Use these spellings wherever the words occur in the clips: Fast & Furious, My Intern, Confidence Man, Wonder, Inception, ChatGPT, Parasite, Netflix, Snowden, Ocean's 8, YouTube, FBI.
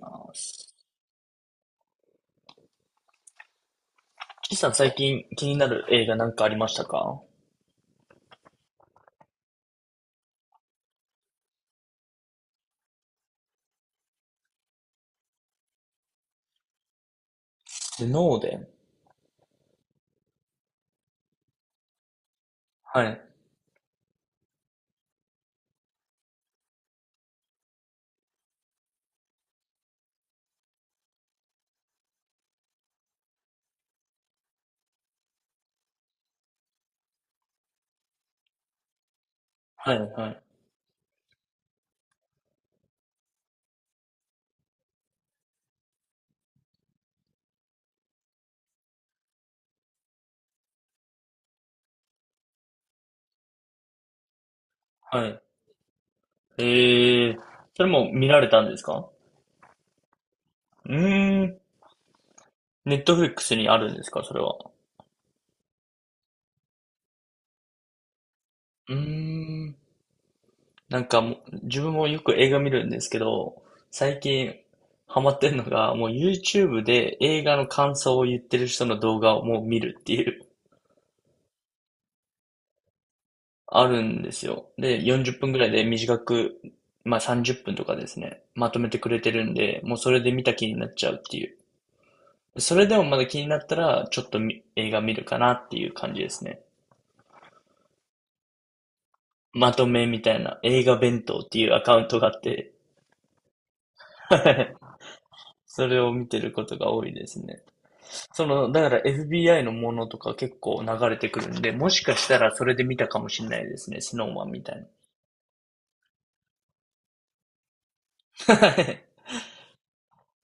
あーす岸さん、最近気になる映画なんかありましたか？スノーデン。はい、はい、はい、はい。えー、それも見られたんですか？うーん、ネットフリックスにあるんですか、それは？うーん、なんかもう、自分もよく映画見るんですけど、最近ハマってるのが、もう YouTube で映画の感想を言ってる人の動画をもう見るっていう。あるんですよ。で、40分ぐらいで短く、まあ30分とかですね、まとめてくれてるんで、もうそれで見た気になっちゃうっていう。それでもまだ気になったら、ちょっと映画見るかなっていう感じですね。まとめみたいな映画弁当っていうアカウントがあって、それを見てることが多いですね。その、だから FBI のものとか結構流れてくるんで、もしかしたらそれで見たかもしれないですね、スノーマンみたいな。い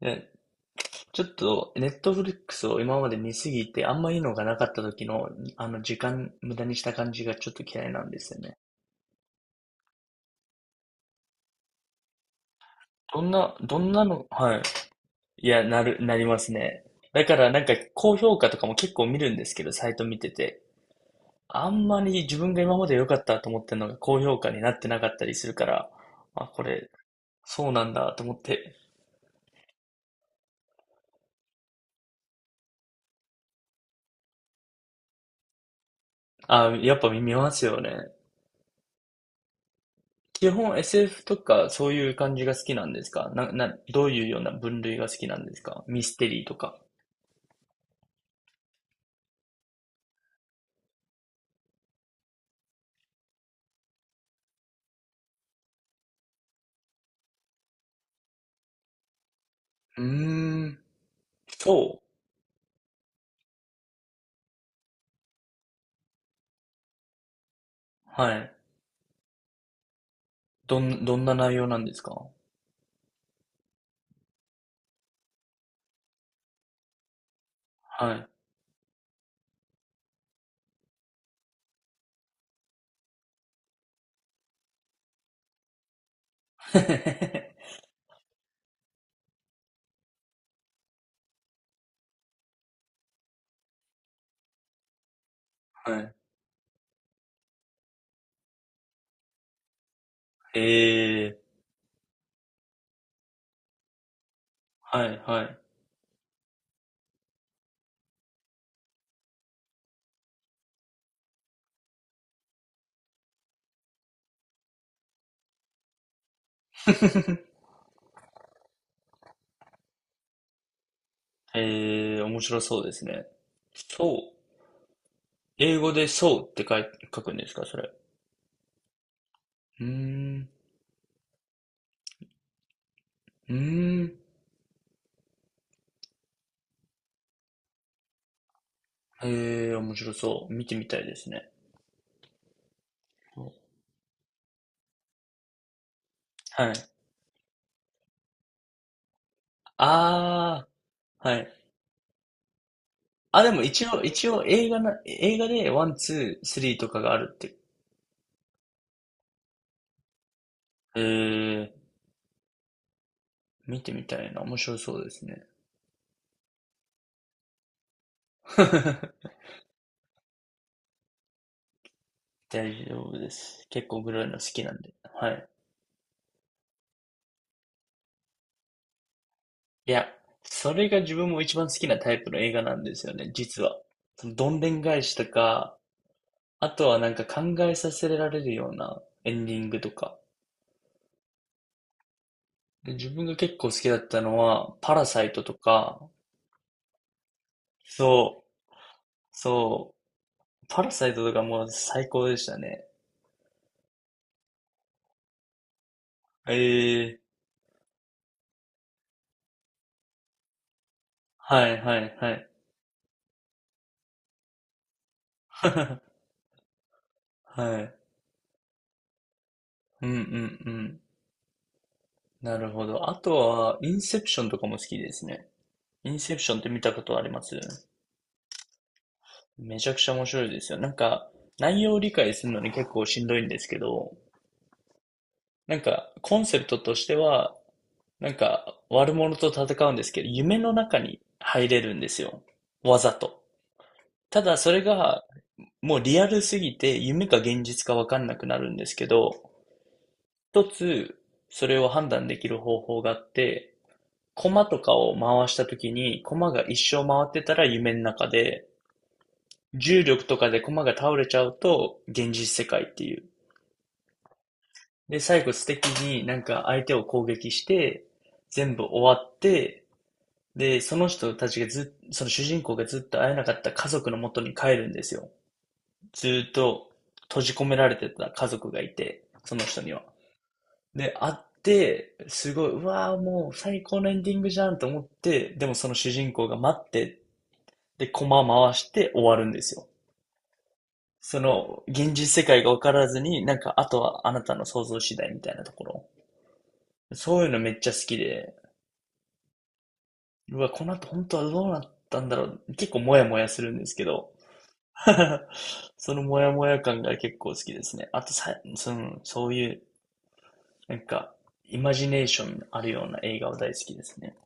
や、ちょっと、ネットフリックスを今まで見すぎて、あんまいいのがなかった時の、あの、時間無駄にした感じがちょっと嫌いなんですよね。どんな、どんなの、はい。いや、なりますね。だから、なんか、高評価とかも結構見るんですけど、サイト見てて。あんまり自分が今まで良かったと思ってるのが高評価になってなかったりするから、あ、これ、そうなんだと思って、あ、やっぱ見ますよね。基本 SF とかそういう感じが好きなんですか？どういうような分類が好きなんですか？ミステリーとか。うーん。そう、はい。どんな内容なんですか？はい。はい。えー、はい、はい。えー、面白そうですね。そう。英語でそうって書くんですか、それ？うーん。うーん。えー、面白そう。見てみたいですね。はい。あー、はい。あ、でも一応映画でワン、ツー、スリーとかがあるって。えー、見てみたいな。面白そうですね。大丈夫です。結構グロいの好きなんで。はい。いや、それが自分も一番好きなタイプの映画なんですよね、実は。そのどんでん返しとか、あとはなんか考えさせられるようなエンディングとか。で、自分が結構好きだったのは、パラサイトとか、そう、そう、パラサイトとかもう最高でしたね。ええ、はいはいはい。はい。うんうんうん。なるほど。あとは、インセプションとかも好きですね。インセプションって見たことあります？めちゃくちゃ面白いですよ。なんか、内容を理解するのに結構しんどいんですけど、なんか、コンセプトとしては、なんか、悪者と戦うんですけど、夢の中に入れるんですよ。わざと。ただ、それが、もうリアルすぎて、夢か現実かわかんなくなるんですけど、一つ、それを判断できる方法があって、コマとかを回したときに、コマが一生回ってたら夢の中で、重力とかでコマが倒れちゃうと、現実世界っていう。で、最後素敵になんか相手を攻撃して、全部終わって、で、その人たちがずっ、その主人公がずっと会えなかった家族の元に帰るんですよ。ずっと閉じ込められてた家族がいて、その人には。で、会って、すごい、うわー、もう最高のエンディングじゃんと思って、でもその主人公が待って、で、コマ回して終わるんですよ。その、現実世界が分からずに、なんか、あとはあなたの想像次第みたいなところ。そういうのめっちゃ好きで、うわ、この後本当はどうなったんだろう。結構モヤモヤするんですけど、そのモヤモヤ感が結構好きですね。あとさ、その、そういう、なんか、イマジネーションあるような映画は大好きですね。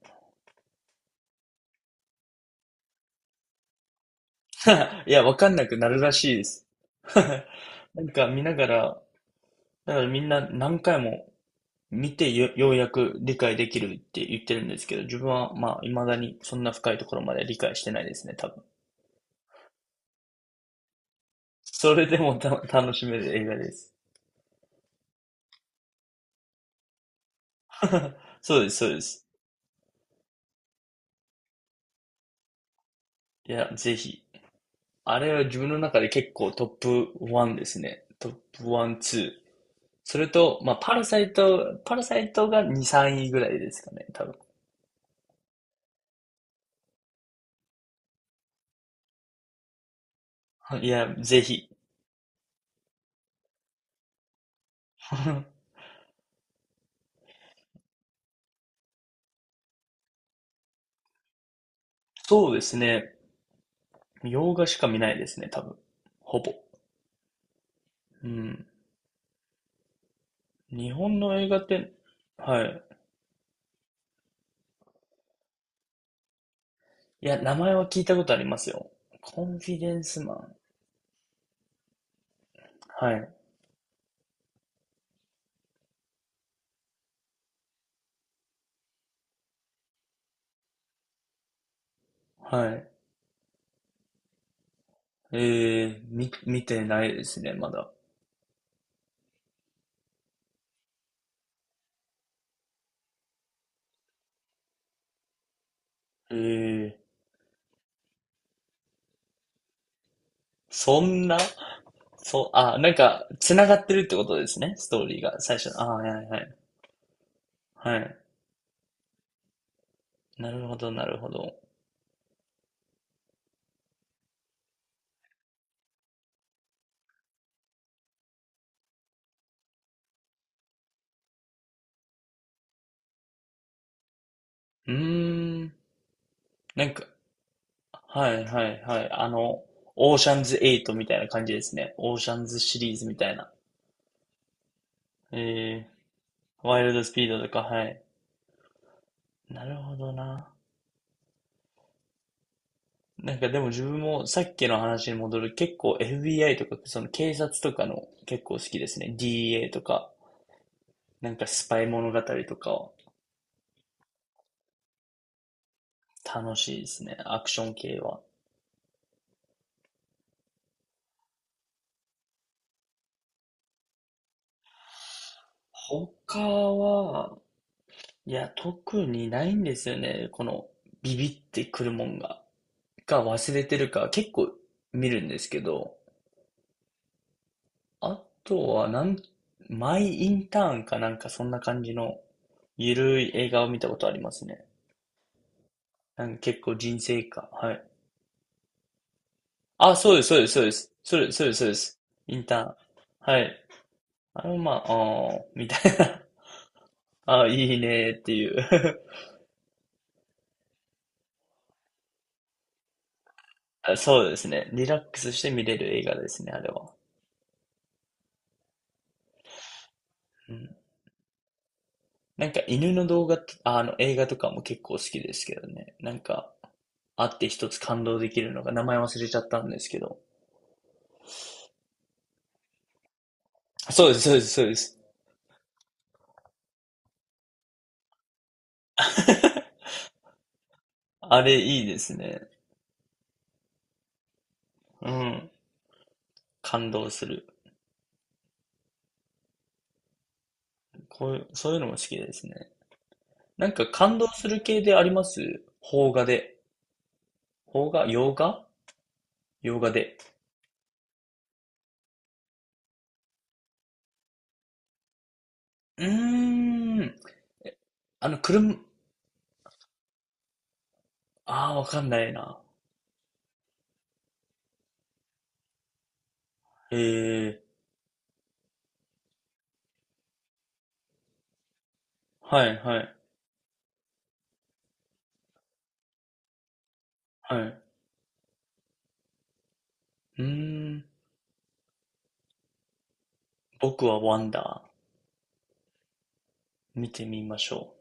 いや、わかんなくなるらしいです。なんか見ながら、だからみんな何回も見てよ、ようやく理解できるって言ってるんですけど、自分はまあ未だにそんな深いところまで理解してないですね、多分。それでも楽しめる映画です。そうです、そうです。いや、ぜひ。あれは自分の中で結構トップ1ですね。トップ1、2。それと、まあ、パラサイトが2、3位ぐらいですかね、多分。いや、ぜひ。そうですね。洋画しか見ないですね、多分。ほぼ。うん。日本の映画って、はい。いや、名前は聞いたことありますよ。コンフィデンスマン。はい。はい。ええ、見てないですね、まだ。ええ、そんな。そう、あ、なんか、繋がってるってことですね、ストーリーが、最初の。あ、はいはいはい。はい。なるほど、なるほど。うーん。なんか、はいはいはい。あの、オーシャンズ8みたいな感じですね。オーシャンズシリーズみたいな。えー、ワイルドスピードとか、はい。なるほどな。なんかでも自分もさっきの話に戻る、結構 FBI とか、その警察とかの結構好きですね。DA とか、なんかスパイ物語とかは楽しいですね。アクション系は。他は、いや、特にないんですよね。このビビってくるもんが。か忘れてるか結構見るんですけど、あとはマイインターンかなんかそんな感じのゆるい映画を見たことありますね。なんか結構人生か、はい。あ、そうです、そうです、そうです。それ、そうです、そうです。インターン。はい。あのまあ、あーみたいな。あー、いいねーっていう。 あ。そうですね。リラックスして見れる映画ですね、あれは。うん。なんか犬の動画と、ああの映画とかも結構好きですけどね。なんか、あって一つ感動できるのが、名前忘れちゃったんですけど。そうです、そうです、そうです。あれいいですね。うん。感動する。こういう、そういうのも好きですね。なんか感動する系であります？邦画で。邦画洋画、洋画で。うーん。あの、車、ああ、わかんないな。ええ、はい、はい、はい。うーん。僕はワンダー。見てみましょう。